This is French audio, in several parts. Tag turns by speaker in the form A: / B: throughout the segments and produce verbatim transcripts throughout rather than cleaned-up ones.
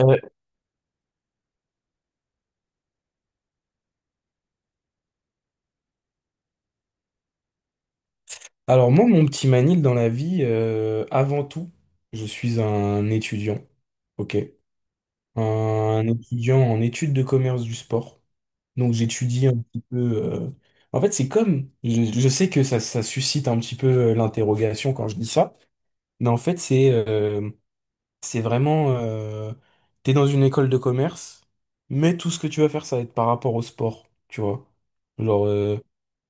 A: Euh, alors moi, mon petit Manil dans la vie, euh, avant tout, je suis un étudiant, ok, un étudiant en études de commerce du sport. Donc j'étudie un petit peu. euh, En fait, c'est comme, je, je sais que ça, ça suscite un petit peu euh, l'interrogation quand je dis ça, mais en fait c'est, euh, C'est vraiment, euh, t'es dans une école de commerce, mais tout ce que tu vas faire, ça va être par rapport au sport, tu vois. Genre, euh,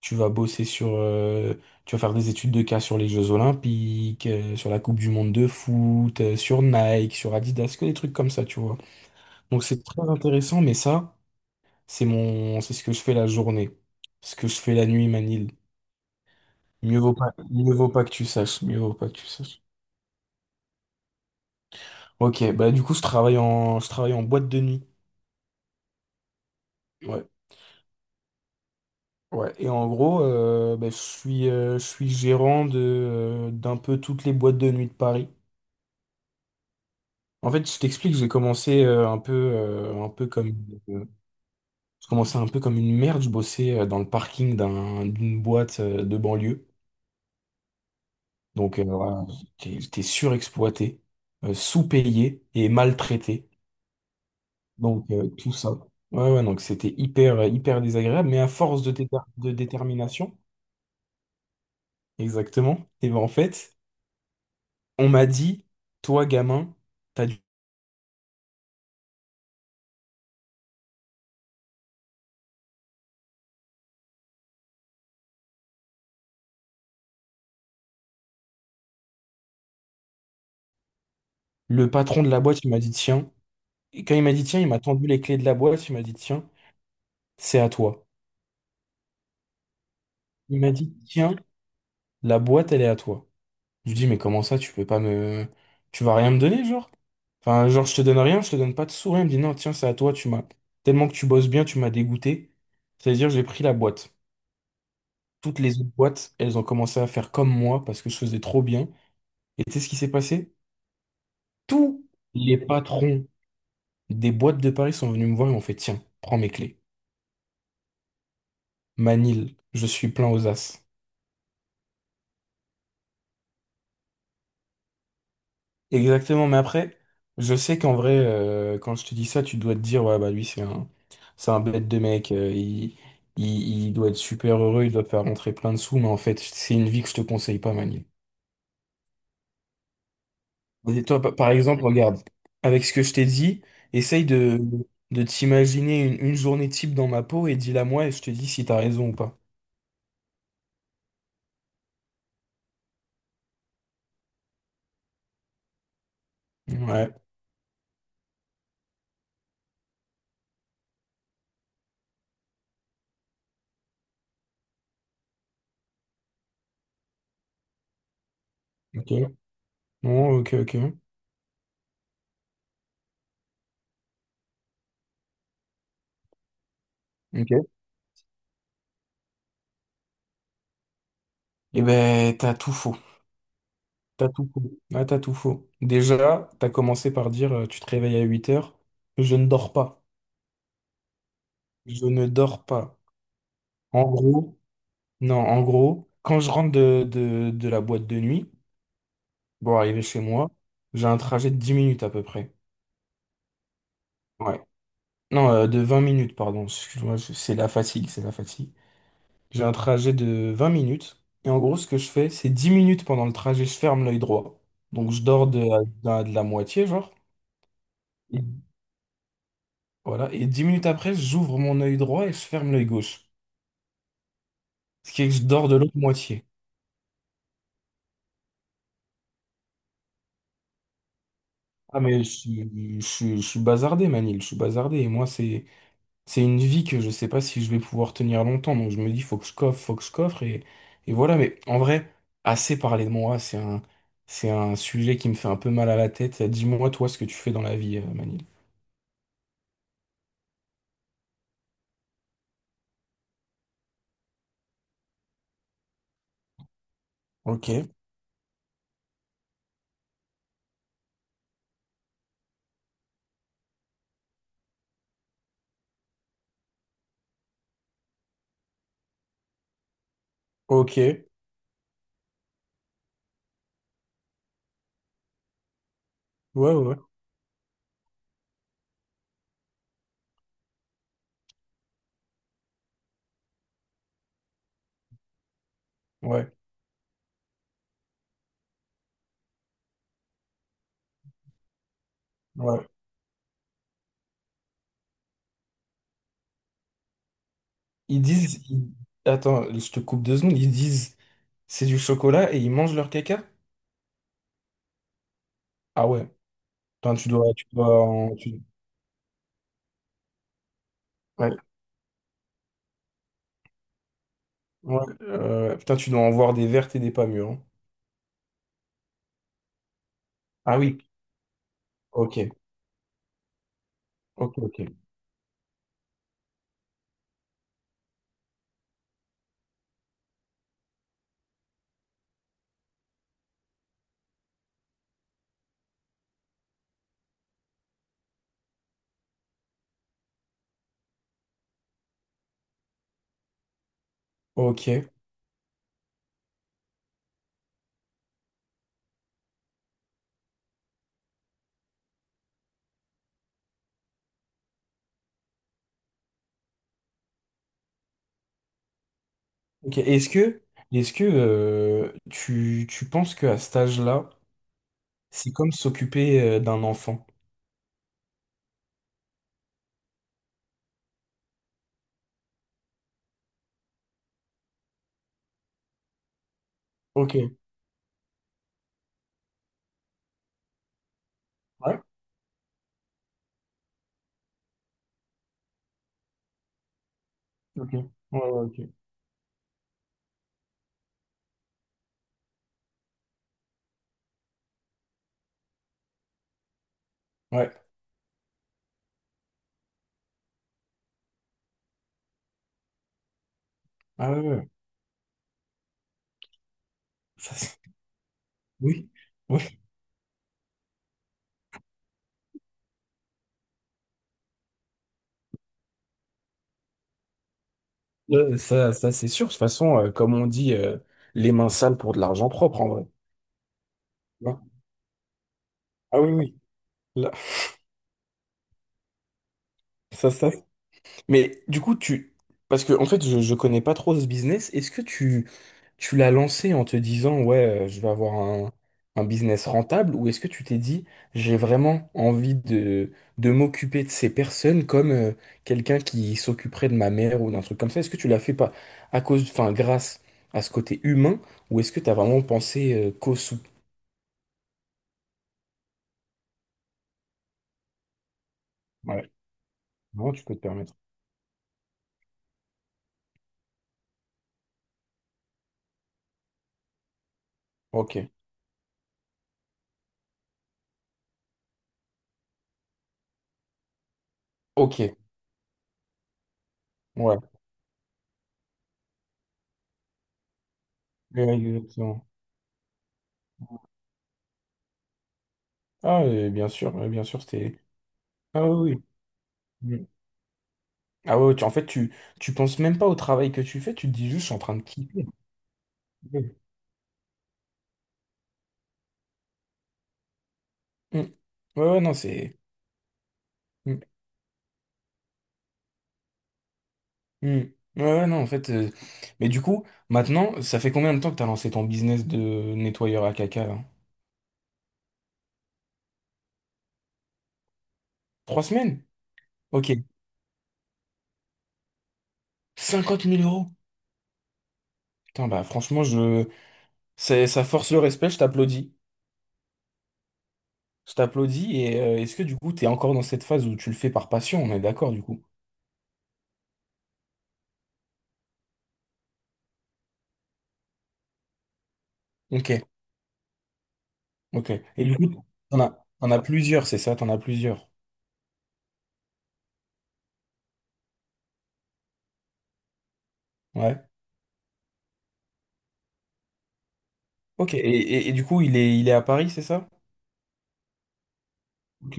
A: tu vas bosser sur, euh, tu vas faire des études de cas sur les Jeux Olympiques, euh, sur la Coupe du Monde de foot, euh, sur Nike, sur Adidas, que des trucs comme ça, tu vois. Donc c'est très intéressant, mais ça, c'est mon, c'est ce que je fais la journée, ce que je fais la nuit, Manil. Mieux vaut pas, mieux vaut pas que tu saches, mieux vaut pas que tu saches. Ok, bah du coup, je travaille en, je travaille en boîte de nuit. Ouais. Ouais, et en gros, euh, bah, je suis, euh, je suis gérant de, euh, d'un peu toutes les boîtes de nuit de Paris. En fait, je t'explique, j'ai commencé euh, un peu, euh, un peu comme, euh, je commençais un peu comme une merde. Je bossais euh, dans le parking d'un, d'une boîte euh, de banlieue. Donc, euh, voilà, j'étais j'étais surexploité, euh, sous-payé et maltraité. Donc, euh, tout ça. Ouais, ouais, donc c'était hyper, hyper désagréable. Mais à force de, déter- de détermination, exactement, et ben en fait. On m'a dit, toi, gamin, t'as du... Le patron de la boîte, il m'a dit, tiens. Et quand il m'a dit, tiens, il m'a tendu les clés de la boîte, il m'a dit, tiens, c'est à toi. Il m'a dit, tiens, la boîte, elle est à toi. Je lui dis, mais comment ça, tu peux pas me... Tu vas rien me donner, genre? Enfin, genre, je te donne rien, je te donne pas de sourire. Il me dit, non, tiens, c'est à toi, tu m'as... Tellement que tu bosses bien, tu m'as dégoûté. C'est-à-dire, j'ai pris la boîte. Toutes les autres boîtes, elles ont commencé à faire comme moi parce que je faisais trop bien. Et tu sais ce qui s'est passé? Tous les patrons Des boîtes de Paris sont venues me voir et m'ont fait, tiens, prends mes clés. Manil, je suis plein aux as. Exactement, mais après, je sais qu'en vrai, euh, quand je te dis ça, tu dois te dire, ouais, bah lui, c'est un, c'est un bête de mec, euh, il, il, il doit être super heureux, il doit te faire rentrer plein de sous, mais en fait, c'est une vie que je te conseille pas, Manil. Et toi, pa- par exemple, regarde, avec ce que je t'ai dit, essaye de, de t'imaginer une, une journée type dans ma peau et dis-la moi et je te dis si t'as raison ou pas. Ouais, ok. Non, ok, ok. Ok. Eh ben, t'as tout faux. T'as tout faux. Ah, t'as tout faux. Déjà, t'as commencé par dire, euh, tu te réveilles à huit heures. Je ne dors pas. Je ne dors pas. En gros, non, en gros, quand je rentre de, de, de la boîte de nuit, bon, arrivé chez moi, j'ai un trajet de dix minutes à peu près. Ouais. Non, euh, de vingt minutes, pardon. Excuse-moi, je- c'est la fatigue, c'est la fatigue. J'ai un trajet de vingt minutes. Et en gros, ce que je fais, c'est dix minutes pendant le trajet, je ferme l'œil droit. Donc, je dors de, à- de la de la moitié, genre. Voilà. Et dix minutes après, j'ouvre mon œil droit et je ferme l'œil gauche. Ce qui est que je dors de l'autre moitié. Ah, mais je, suis- je, suis je suis bazardé, Manil. Je suis bazardé. Et moi, c'est, c'est une vie que je sais pas si je vais pouvoir tenir longtemps. Donc, je me dis, faut que je coffre, faut que je coffre. Et, et voilà. Mais en vrai, assez parlé de moi. C'est un, c'est un sujet qui me fait un peu mal à la tête. Dis-moi, toi, ce que tu fais dans la vie, euh, Manil. Ok, ok. Ouais, ouais, ouais. Ouais. Ils disent, ils- attends, je te coupe deux secondes, ils disent c'est du chocolat et ils mangent leur caca? Ah ouais, putain, tu dois, tu dois en- tu- ouais, ouais, euh, putain, tu dois en voir des vertes et des pas mûres, hein. Ah oui, ok, ok, ok, ok, ok. Est-ce que, est-ce que euh, tu, tu penses qu'à cet âge-là, c'est comme s'occuper euh, d'un enfant? Ok, ouais, ok, ouais, ouais, ok, ouais, ah ouais, ouais, ça c'est- oui, oui. Euh, Ça, ça c'est sûr. De toute façon, euh, comme on dit, euh, les mains sales pour de l'argent propre, en vrai. Hein. Ah oui, oui. Là, ça, ça. Mais du coup, tu... Parce que, en fait, je, je connais pas trop ce business. Est-ce que tu, tu l'as lancé en te disant, ouais, euh, je vais avoir un, un business rentable, ou est-ce que tu t'es dit, j'ai vraiment envie de, de m'occuper de ces personnes comme euh, quelqu'un qui s'occuperait de ma mère ou d'un truc comme ça? Est-ce que tu l'as fait pas à cause, enfin, grâce à ce côté humain? Ou est-ce que tu as vraiment pensé euh, cause Ouais, non, tu peux te permettre. Ok, ok, ouais, Ouais, exactement. Ah, euh, bien sûr, euh, bien sûr, c'était. Ah oui, oui. Mm. Ah ouais, ouais, tu- en fait, tu, tu penses même pas au travail que tu fais, tu te dis juste, je suis en train de kiffer. Mm. Mm. Ouais, ouais, non, c'est. Mm. Mm. Ouais, ouais, non, en fait. euh, Mais du coup, maintenant, ça fait combien de temps que t'as lancé ton business de nettoyeur à caca, là? Trois semaines? Ok. cinquante mille euros. Putain, bah, franchement, je. c'est- Ça force le respect, je t'applaudis. Je t'applaudis et euh, est-ce que du coup t'es encore dans cette phase où tu le fais par passion, on est d'accord du coup? Ok, ok. Et du coup, t'en as, t'en as plusieurs, c'est ça? T'en as plusieurs. Ouais. Ok. Et, et- et du coup, il est, il est à Paris, c'est ça? Ok,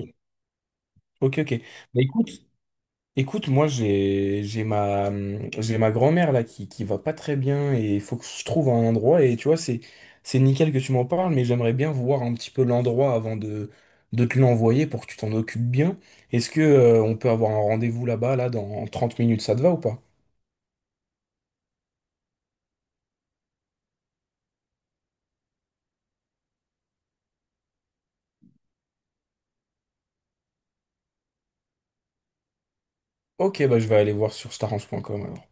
A: ok, ok. Bah écoute. Écoute, moi j'ai j'ai ma j'ai ma grand-mère là qui qui va pas très bien et il faut que je trouve un endroit et tu vois c'est c'est nickel que tu m'en parles mais j'aimerais bien voir un petit peu l'endroit avant de de te l'envoyer pour que tu t'en occupes bien. Est-ce que euh, on peut avoir un rendez-vous là-bas là dans trente minutes, ça te va ou pas? OK, bah je vais aller voir sur starange point com alors.